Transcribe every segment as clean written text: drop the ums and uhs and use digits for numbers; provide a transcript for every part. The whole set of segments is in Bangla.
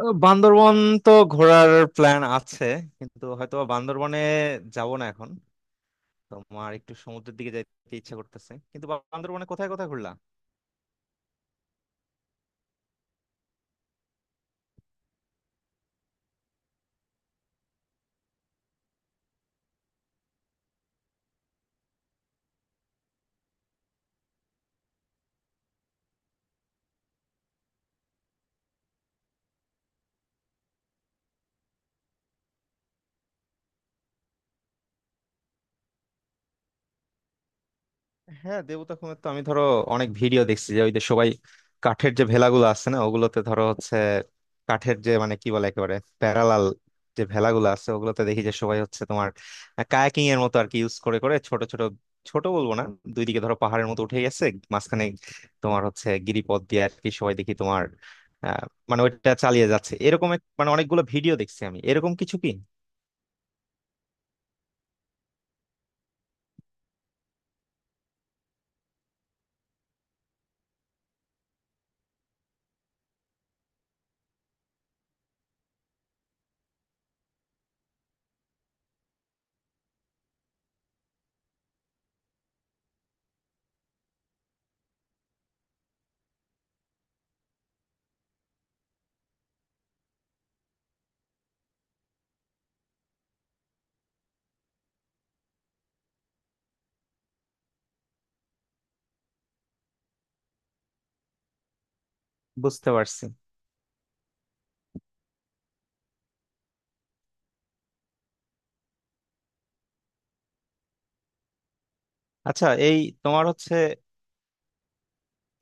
বান্দরবন তো ঘোরার প্ল্যান আছে, কিন্তু হয়তো বা বান্দরবনে যাব না এখন। তোমার একটু সমুদ্রের দিকে যেতে ইচ্ছা করতেছে। কিন্তু বান্দরবনে কোথায় কোথায় ঘুরলা? হ্যাঁ, দেবতা খুনের তো আমি ধরো অনেক ভিডিও দেখছি যে, ওই যে সবাই কাঠের যে ভেলাগুলো আছে না, ওগুলোতে ধরো হচ্ছে কাঠের যে, মানে কি বলে, একেবারে প্যারালাল যে ভেলাগুলো আছে ওগুলোতে দেখি যে সবাই হচ্ছে তোমার কায়াকিং এর মতো আর কি ইউজ করে করে ছোট ছোট, ছোট বলবো না, দুই দিকে ধরো পাহাড়ের মতো উঠে গেছে, মাঝখানে তোমার হচ্ছে গিরিপথ দিয়ে আর কি সবাই দেখি তোমার আহ মানে ওইটা চালিয়ে যাচ্ছে এরকম মানে অনেকগুলো ভিডিও দেখছি আমি, এরকম কিছু কি? বুঝতে পারছি। আচ্ছা, এই তোমার হচ্ছে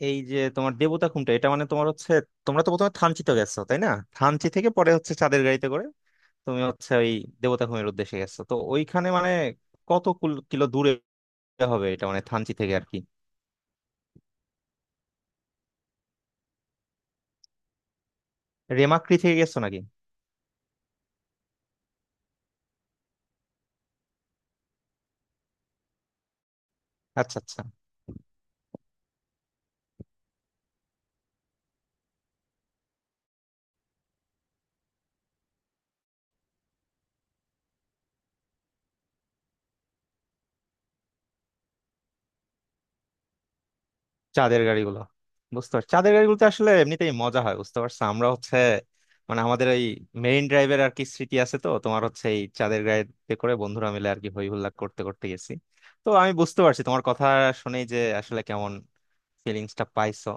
এই যে তোমার দেবতা খুমটা, এটা মানে তোমার হচ্ছে, তোমরা তো প্রথমে থানচি তো গেছো, তাই না? থানচি থেকে পরে হচ্ছে চাঁদের গাড়িতে করে তুমি হচ্ছে ওই দেবতা খুমের উদ্দেশ্যে গেছো, তো ওইখানে মানে কত কিলো দূরে হবে এটা মানে থানচি থেকে আর কি? রেমাক্রি থেকে গেছো নাকি? আচ্ছা আচ্ছা। চাঁদের গাড়িগুলো? বুঝতে পারছি, চাঁদের গাড়িগুলোতে আসলে এমনিতেই মজা হয়, বুঝতে পারছো? আমরা হচ্ছে মানে আমাদের ওই মেরিন ড্রাইভের আর কি স্মৃতি আছে, তো তোমার হচ্ছে এই চাঁদের গাড়িতে করে বন্ধুরা মিলে আর কি হই হুল্লা করতে করতে গেছি। তো আমি বুঝতে পারছি তোমার কথা শুনেই যে আসলে কেমন ফিলিংসটা পাইছো।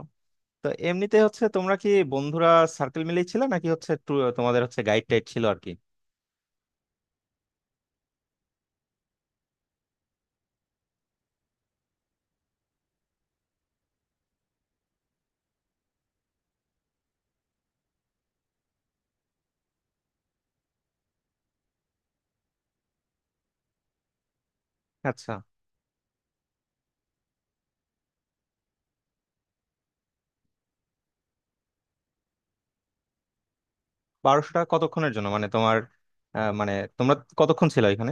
তো এমনিতে হচ্ছে তোমরা কি বন্ধুরা সার্কেল মিলেই ছিল নাকি হচ্ছে তোমাদের হচ্ছে গাইড টাইড ছিল আর কি? আচ্ছা, 1200 টাকা কতক্ষণের জন্য, মানে তোমার মানে তোমরা কতক্ষণ ছিল এখানে?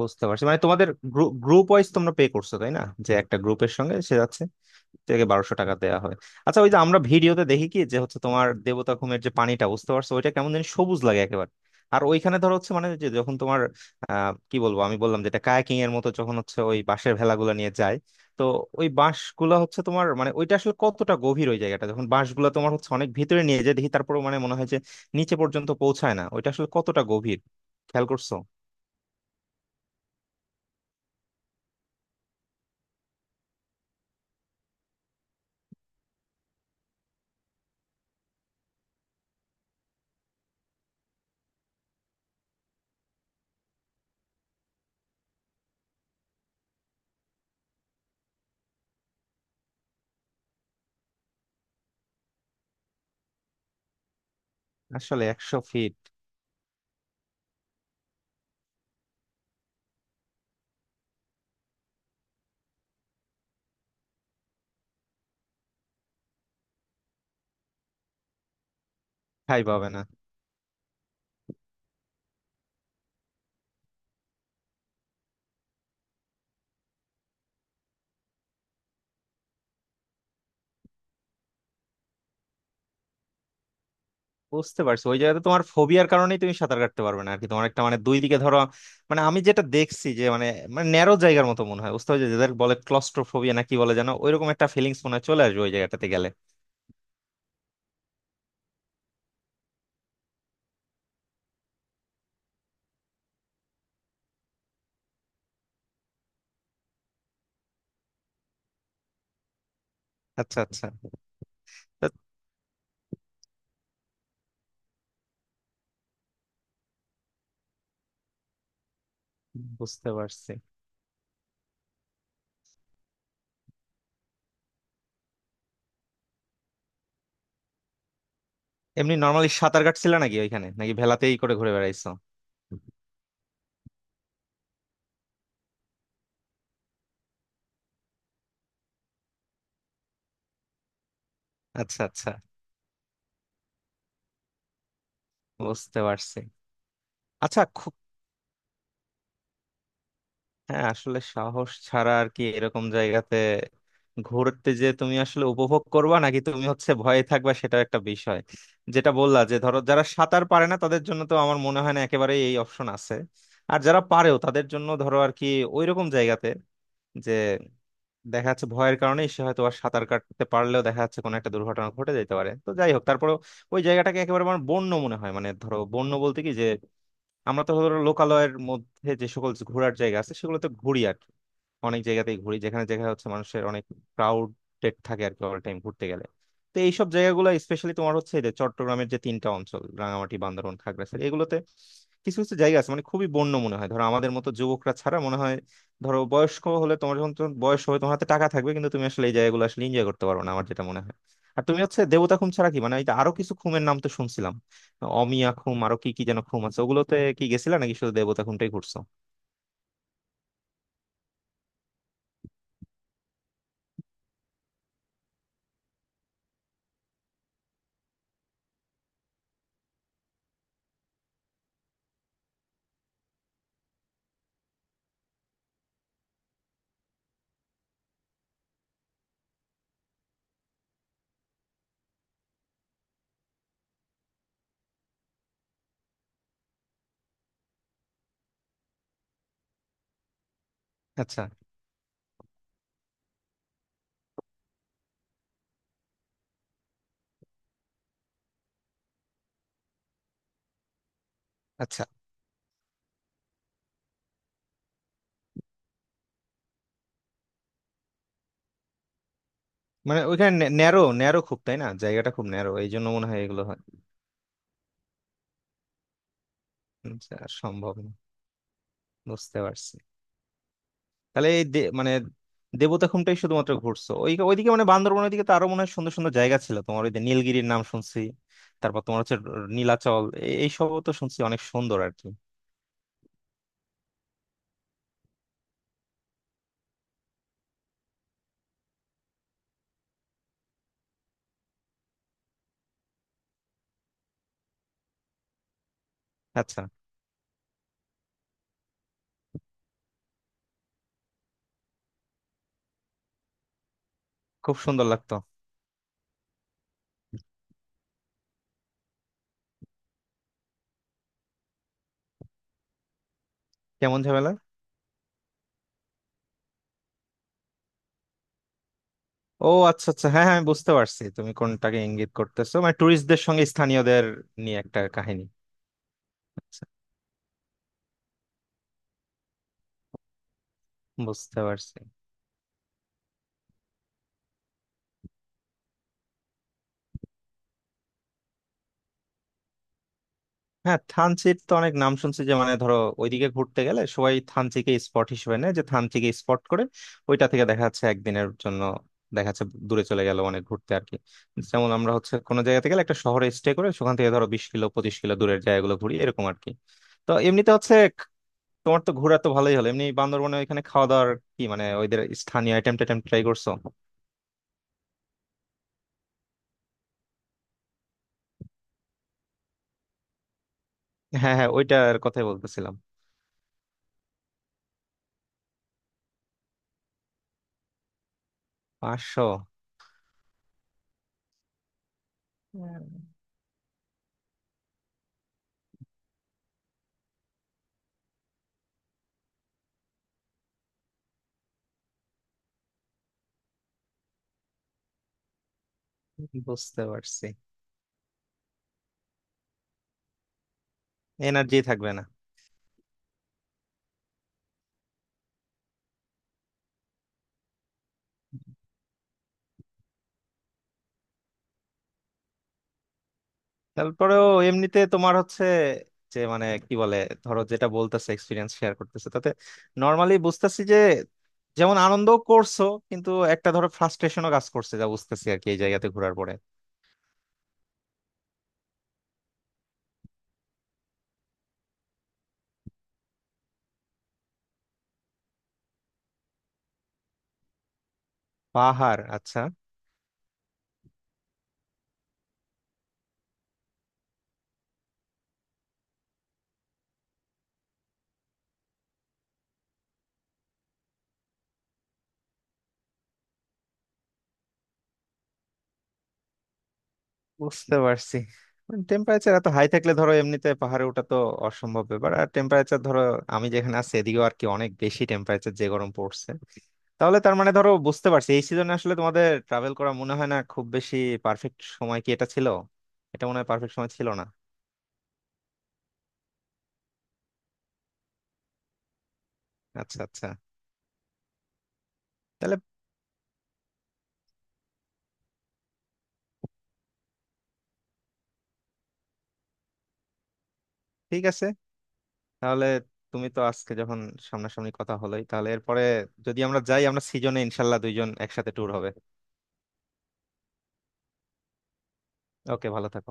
বুঝতে পারছি, মানে তোমাদের গ্রুপ ওয়াইজ তোমরা পে করছো তাই না, যে একটা গ্রুপের সঙ্গে সে যাচ্ছে, থেকে 1200 টাকা দেয়া হয়। আচ্ছা, ওই যে আমরা ভিডিওতে দেখি কি যে হচ্ছে তোমার দেবতা খুমের যে পানিটা, বুঝতে পারছো, ওইটা কেমন যেন সবুজ লাগে একেবারে। আর ওইখানে ধরো হচ্ছে মানে যে যখন তোমার কি বলবো, আমি বললাম যেটা কায়াকিং এর মতো, যখন হচ্ছে ওই বাঁশের ভেলাগুলো নিয়ে যায়, তো ওই বাঁশগুলা হচ্ছে তোমার মানে, ওইটা আসলে কতটা গভীর ওই জায়গাটা, যখন বাঁশগুলা তোমার হচ্ছে অনেক ভিতরে নিয়ে যায় দেখি, তারপরে মানে মনে হয় যে নিচে পর্যন্ত পৌঁছায় না, ওইটা আসলে কতটা গভীর খেয়াল করছো? আসলে 100 ফিট? ঠাঁই পাবে না? বুঝতে পারছি, ওই জায়গাতে তোমার ফোবিয়ার কারণেই তুমি সাঁতার কাটতে পারবে না আর কি। তোমার একটা মানে দুই দিকে ধরো, মানে আমি যেটা দেখছি যে মানে, মানে ন্যারো জায়গার মতো মনে হয়, বুঝতে পারছো, যাদের বলে ক্লস্ট্রোফোবিয়া না কি বলে জানো, ওইরকম একটা ফিলিংস মনে হয় চলে আসবে ওই জায়গাটাতে গেলে। আচ্ছা আচ্ছা। তা বুঝতে পারছি। এমনি নর্মালি সাঁতার কাটছিল নাকি ওইখানে, নাকি ভেলাতেই করে ঘুরে বেড়াইছো? আচ্ছা আচ্ছা, বুঝতে পারছি। আচ্ছা, খুব। হ্যাঁ, আসলে সাহস ছাড়া আর কি এরকম জায়গাতে ঘুরতে, যে তুমি আসলে উপভোগ করবা নাকি তুমি হচ্ছে ভয়ে থাকবা, সেটা একটা বিষয়। যেটা বললা যে ধরো যারা সাঁতার পারে না তাদের জন্য তো আমার মনে হয় না একেবারে এই অপশন আছে। আর যারা পারেও তাদের জন্য ধরো আর কি ওইরকম জায়গাতে, যে দেখা যাচ্ছে ভয়ের কারণে সে হয়তো আর সাঁতার কাটতে পারলেও, দেখা যাচ্ছে কোনো একটা দুর্ঘটনা ঘটে যেতে পারে। তো যাই হোক, তারপরে ওই জায়গাটাকে একেবারে আমার বন্য মনে হয়, মানে ধরো বন্য বলতে কি যে, আমরা তো ধরো লোকালয়ের মধ্যে যে সকল ঘোরার জায়গা আছে সেগুলোতে ঘুরি আর কি। অনেক জায়গাতেই ঘুরি যেখানে যেখানে হচ্ছে মানুষের অনেক ক্রাউডেড থাকে আর কি অল টাইম ঘুরতে গেলে। তো এইসব জায়গাগুলো স্পেশালি তোমার হচ্ছে এই যে চট্টগ্রামের যে তিনটা অঞ্চল, রাঙামাটি, বান্দরবান, খাগড়াছড়ি, এগুলোতে কিছু কিছু জায়গা আছে মানে খুবই বন্য মনে হয়, ধরো আমাদের মতো যুবকরা ছাড়া মনে হয় ধরো বয়স্ক হলে, তোমার যখন তোমার বয়স হবে, তোমার হাতে টাকা থাকবে, কিন্তু তুমি আসলে এই জায়গাগুলো আসলে এনজয় করতে পারবে না, আমার যেটা মনে হয়। আর তুমি হচ্ছে দেবতা খুম ছাড়া কি মানে, এই যে আরো কিছু খুমের নাম তো শুনছিলাম, অমিয়া খুম, আরো কি কি যেন খুম আছে, ওগুলোতে কি গেছিলা নাকি শুধু দেবতা খুমটাই ঘুরছো? আচ্ছা আচ্ছা। মানে ওইখানে ন্যারো ন্যারো খুব, তাই না? জায়গাটা খুব ন্যারো, এই জন্য মনে হয় এগুলো হয়। আচ্ছা, সম্ভব না। বুঝতে পারছি, তাহলে এই মানে দেবতা খুমটাই শুধুমাত্র ঘুরছো ওই ওইদিকে, মানে বান্দরবনের দিকে তো আরো মনে হয় সুন্দর সুন্দর জায়গা ছিল, তোমার ওই যে নীলগিরির নাম শুনছি, তারপর তোমার হচ্ছে নীলাচল, এইসবও তো শুনছি অনেক সুন্দর আর কি। আচ্ছা, খুব সুন্দর লাগতো। কেমন ঝামেলা? ও আচ্ছা আচ্ছা, হ্যাঁ হ্যাঁ, আমি বুঝতে পারছি তুমি কোনটাকে ইঙ্গিত করতেছো, মানে ট্যুরিস্টদের সঙ্গে স্থানীয়দের নিয়ে একটা কাহিনী। আচ্ছা, বুঝতে পারছি। হ্যাঁ, থানচির তো অনেক নাম শুনছি যে, মানে ধরো ওইদিকে ঘুরতে গেলে সবাই থানচিকে স্পট হিসেবে নেয়, যে থানচিকে স্পট করে ওইটা থেকে দেখা যাচ্ছে একদিনের জন্য দেখা যাচ্ছে দূরে চলে গেল অনেক ঘুরতে আর কি। যেমন আমরা হচ্ছে কোনো জায়গা থেকে গেলে একটা শহরে স্টে করে সেখান থেকে ধরো 20 কিলো 25 কিলো দূরের জায়গাগুলো ঘুরি, এরকম আর কি। তো এমনিতে হচ্ছে তোমার তো ঘোরা তো ভালোই হলো, এমনি বান্দরবনে ওইখানে খাওয়া দাওয়ার কি, মানে ওইদের স্থানীয় আইটেম টাইটেম ট্রাই করছো? হ্যাঁ হ্যাঁ, ওইটার কথাই বলতেছিলাম। 500? বুঝতে পারছি। এনার্জি থাকবে না। তারপরেও এমনিতে তোমার হচ্ছে, যে মানে কি বলে, ধরো যেটা বলতেছে এক্সপিরিয়েন্স শেয়ার করতেছে, তাতে নর্মালি বুঝতেছি যে যেমন আনন্দ করছো, কিন্তু একটা ধরো ফ্রাস্ট্রেশনও কাজ করছে যা বুঝতেছি আর কি এই জায়গাতে ঘোরার পরে। পাহাড়? আচ্ছা। বুঝতে পারছি। টেম্পারেচার এত হাই থাকলে ধরো এমনিতে পাহাড়ে ওঠা তো অসম্ভব ব্যাপার। আর টেম্পারেচার ধরো আমি যেখানে আছি এদিকেও আর কি অনেক বেশি টেম্পারেচার, যে গরম পড়ছে। তাহলে তার মানে ধরো বুঝতে পারছি এই সিজনে আসলে তোমাদের ট্রাভেল করা মনে হয় না খুব বেশি। পারফেক্ট সময় কি এটা ছিল? এটা মনে হয় পারফেক্ট সময় ছিল না। আচ্ছা আচ্ছা, তাহলে ঠিক আছে। তাহলে তুমি তো আজকে যখন সামনাসামনি কথা হলোই, তাহলে এরপরে যদি আমরা যাই, আমরা সিজনে ইনশাল্লাহ দুইজন একসাথে ট্যুর হবে। ওকে, ভালো থাকো।